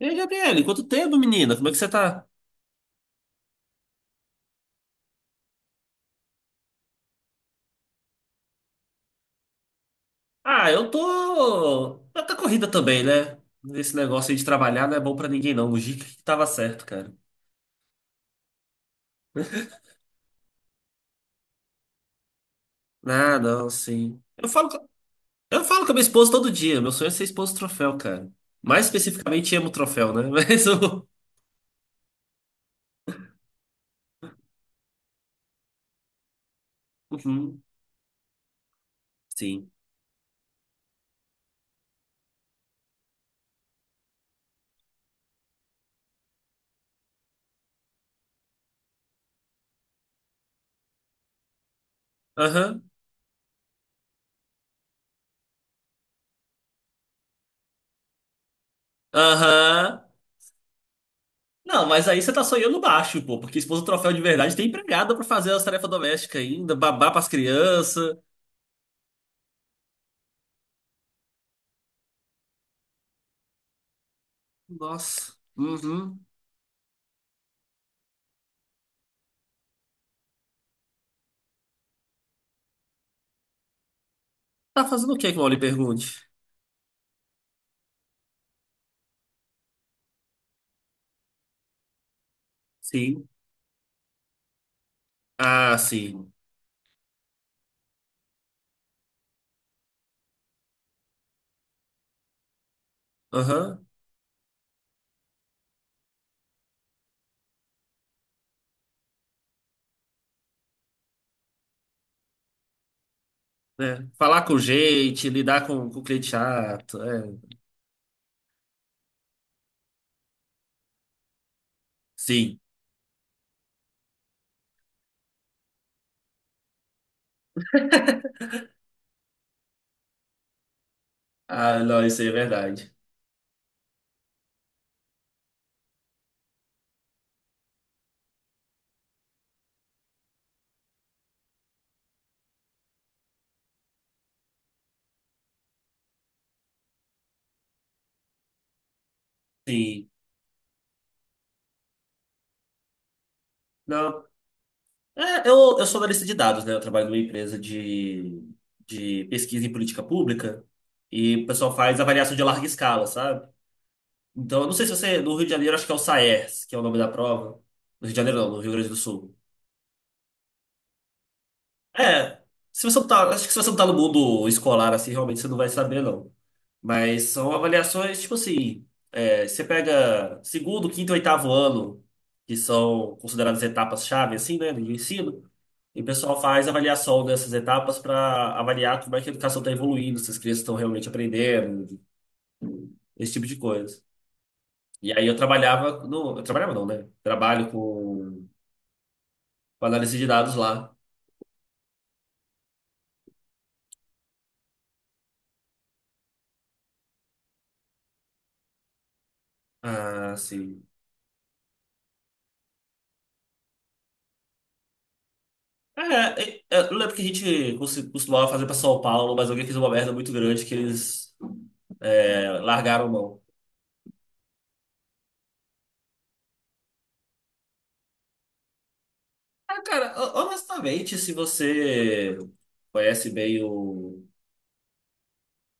E aí, Gabriele, quanto tempo, menina? Como é que você tá? Eu tô corrida também, né? Esse negócio aí de trabalhar não é bom pra ninguém, não. O Gica que tava certo, cara. Ah, não, sim. Eu falo com a minha esposa todo dia. Meu sonho é ser esposa do troféu, cara. Mais especificamente, amo o troféu, né? Mas o. Uhum, sim. Aham. Aham. Não, mas aí você tá sonhando baixo, pô, porque esposa do troféu de verdade tem empregada pra fazer as tarefas domésticas ainda, babar pras crianças. Nossa. Uhum. Tá fazendo o que que o Wally pergunte? Sim. Ah, sim. Aham. Né? Falar com gente, lidar com, cliente chato. É. Sim. Ah, não, isso aí é verdade. Sim. Não. Eu sou analista de dados, né? Eu trabalho numa empresa de pesquisa em política pública e o pessoal faz avaliação de larga escala, sabe? Então, eu não sei se você. No Rio de Janeiro, acho que é o SAERS, que é o nome da prova. No Rio de Janeiro, não, no Rio Grande do Sul. É. Se você não tá, acho que se você não tá no mundo escolar, assim, realmente você não vai saber, não. Mas são avaliações, tipo assim, você pega segundo, quinto e oitavo ano, que são consideradas etapas-chave, assim, né, do ensino, e o pessoal faz avaliação dessas etapas para avaliar como é que a educação está evoluindo, se as crianças estão realmente aprendendo, esse tipo de coisa. E aí eu trabalhava, no, eu trabalhava não, né? Trabalho com análise de dados lá. Ah, sim. É, é, eu lembro que a gente costumava fazer para São Paulo, mas alguém fez uma merda muito grande que eles largaram mão. Ah, cara, honestamente, se você conhece bem o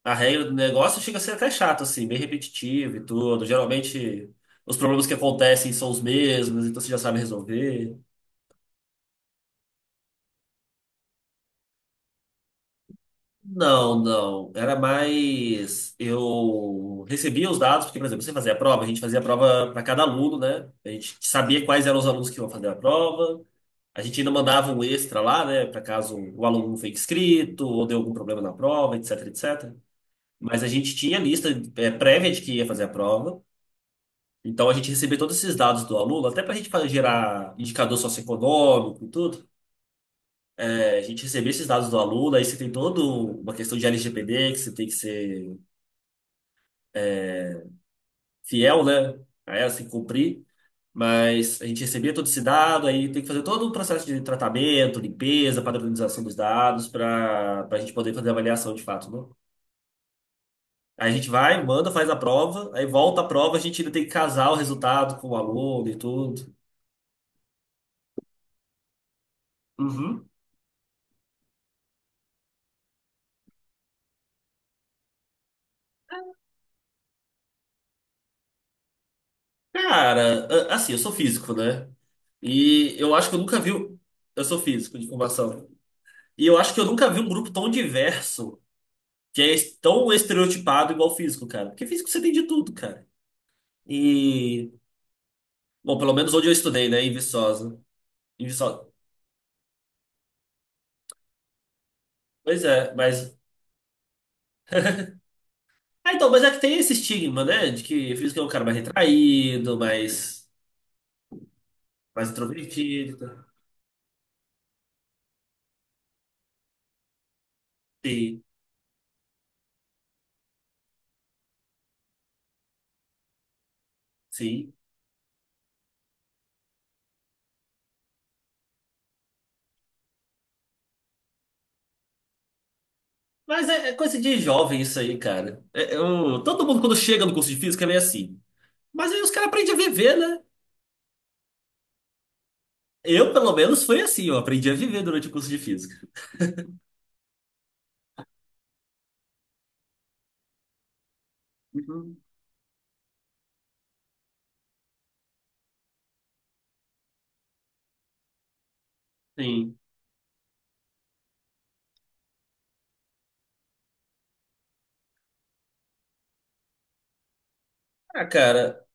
a regra do negócio, chega a ser até chato, assim, bem repetitivo e tudo. Geralmente, os problemas que acontecem são os mesmos, então você já sabe resolver. Não, não. Era mais. Eu recebia os dados, porque, por exemplo, você fazia a prova, a gente fazia a prova para cada aluno, né? A gente sabia quais eram os alunos que iam fazer a prova. A gente ainda mandava um extra lá, né? Para caso o aluno não foi inscrito ou deu algum problema na prova, etc, etc. Mas a gente tinha lista prévia de que ia fazer a prova. Então a gente recebia todos esses dados do aluno, até para a gente fazer gerar indicador socioeconômico e tudo. É, a gente recebia esses dados do aluno, aí você tem toda uma questão de LGPD, que você tem que ser fiel, né? A ela, você tem que cumprir. Mas a gente recebia todo esse dado, aí tem que fazer todo um processo de tratamento, limpeza, padronização dos dados, para a gente poder fazer a avaliação de fato, né? Aí a gente vai, manda, faz a prova, aí volta a prova, a gente ainda tem que casar o resultado com o aluno e tudo. Uhum. Cara, assim, eu sou físico, né? E eu acho que eu nunca vi um. Eu sou físico de formação. E eu acho que eu nunca vi um grupo tão diverso, que é tão estereotipado igual físico, cara. Porque físico você tem de tudo, cara. E. Bom, pelo menos onde eu estudei, né? Em Viçosa. Em Viçosa. Pois é, mas. Ah, então, mas é que tem esse estigma, né? De que físico é um cara mais retraído, mais mais introvertido. Tá? Sim, sim. Mas é, é coisa de jovem isso aí, cara. Todo mundo quando chega no curso de física é meio assim. Mas aí os caras aprendem a viver, né? Eu, pelo menos, foi assim. Eu aprendi a viver durante o curso de física. Uhum. Sim. Ah, cara.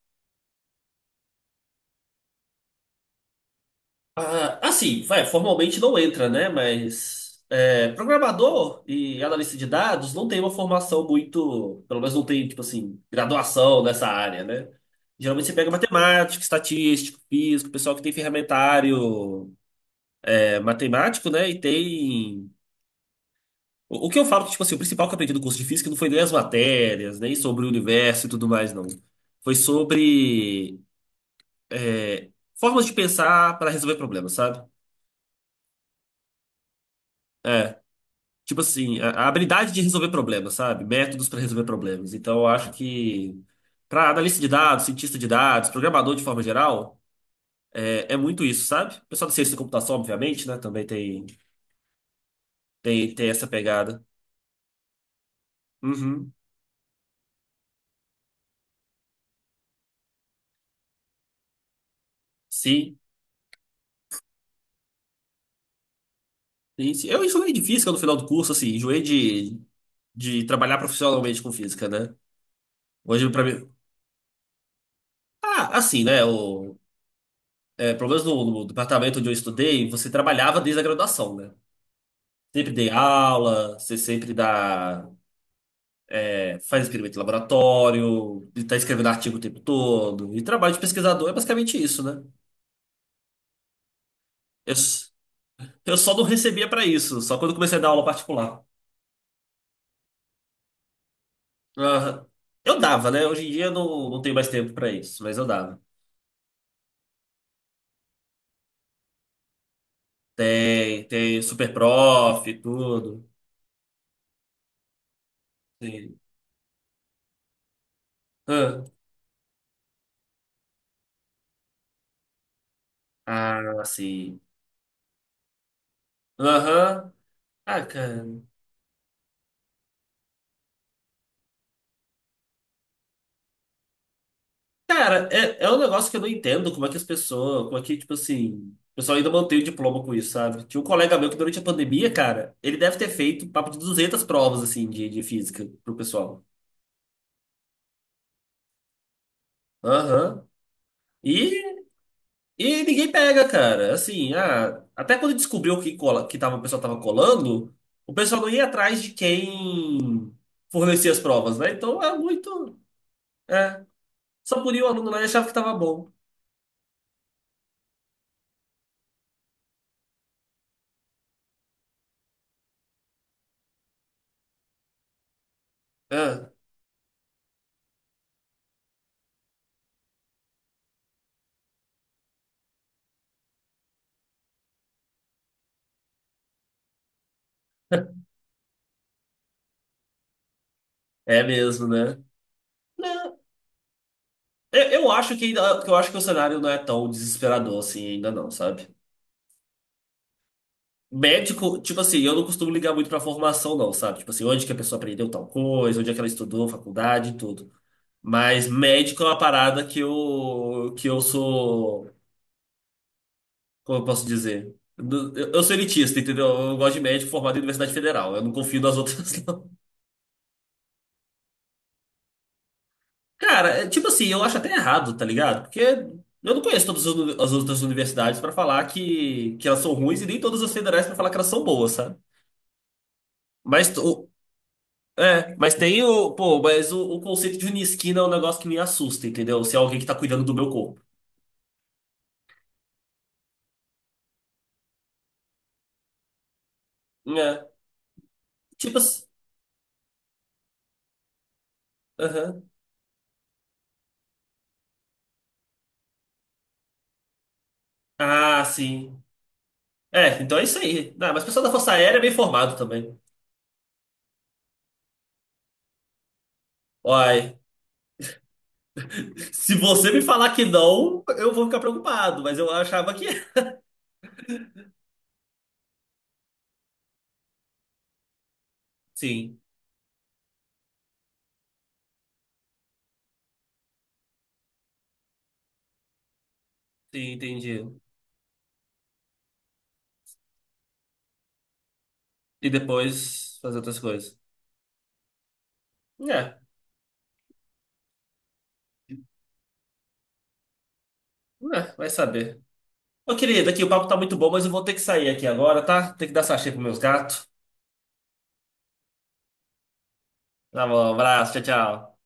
Ah, assim, vai, formalmente não entra, né? Mas é, programador e analista de dados não tem uma formação muito. Pelo menos não tem, tipo assim, graduação nessa área, né? Geralmente você pega matemática, estatístico, físico, pessoal que tem ferramentário matemático, né? E tem. O que eu falo que, tipo assim, o principal que eu aprendi do curso de física não foi nem as matérias, nem sobre o universo e tudo mais, não. Foi sobre formas de pensar para resolver problemas, sabe? Tipo assim, a habilidade de resolver problemas, sabe? Métodos para resolver problemas. Então, eu acho que para analista de dados, cientista de dados, programador de forma geral, é muito isso, sabe? O pessoal da ciência da computação, obviamente, né? Também tem, tem essa pegada. Uhum. Sim, sim, sim. Eu enjoei de física no final do curso, assim, enjoei de trabalhar profissionalmente com física, né? Hoje, pra mim. Ah, assim, né? O, pelo menos no, no departamento onde eu estudei, você trabalhava desde a graduação, né? Sempre dei aula, você sempre dá, faz experimento em laboratório, e tá escrevendo artigo o tempo todo. E trabalho de pesquisador é basicamente isso, né? Eu, s- eu só não recebia pra isso, só quando comecei a dar aula particular. Ah, eu dava, né? Hoje em dia eu não, não tenho mais tempo pra isso, mas eu dava. Tem, tem super prof e tudo. Tem. Ah, sim. Aham. Ah, cara. Cara, é, é um negócio que eu não entendo como é que as pessoas, como é que, tipo assim, o pessoal ainda mantém o diploma com isso, sabe? Tinha um colega meu que durante a pandemia, cara, ele deve ter feito papo de 200 provas, assim, de física pro pessoal. Aham. E, e ninguém pega, cara. Assim, ah, até quando descobriu que, cola, que tava, o pessoal tava colando, o pessoal não ia atrás de quem fornecia as provas, né? Então é muito. É. Só por ir o aluno lá e achava que tava bom. É. É mesmo, né? Não, eu acho que ainda, eu acho que o cenário não é tão desesperador assim ainda não, sabe? Médico, tipo assim, eu não costumo ligar muito pra formação não, sabe? Tipo assim, onde que a pessoa aprendeu tal coisa, onde é que ela estudou, faculdade e tudo. Mas médico é uma parada que eu sou, como eu posso dizer? Eu sou elitista, entendeu? Eu gosto de médico formado em Universidade Federal. Eu não confio nas outras. Cara, é, tipo assim, eu acho até errado, tá ligado? Porque eu não conheço todas as as outras universidades pra falar que elas são ruins e nem todas as federais pra falar que elas são boas, sabe? Mas o, é, mas tem o, pô, mas o conceito de unisquina é um negócio que me assusta, entendeu? Se é alguém que tá cuidando do meu corpo. É, tipo assim, aham. Ah, sim. É, então é isso aí. Ah, mas o pessoal da Força Aérea é bem formado também. Olha, se você me falar que não, eu vou ficar preocupado, mas eu achava que é. Sim, sim, entendi. E depois fazer outras coisas. É, é, vai saber. Ô, querido, aqui o papo tá muito bom, mas eu vou ter que sair aqui agora, tá? Tem que dar sachê pros meus gatos. Tá bom, abraço, tchau, tchau.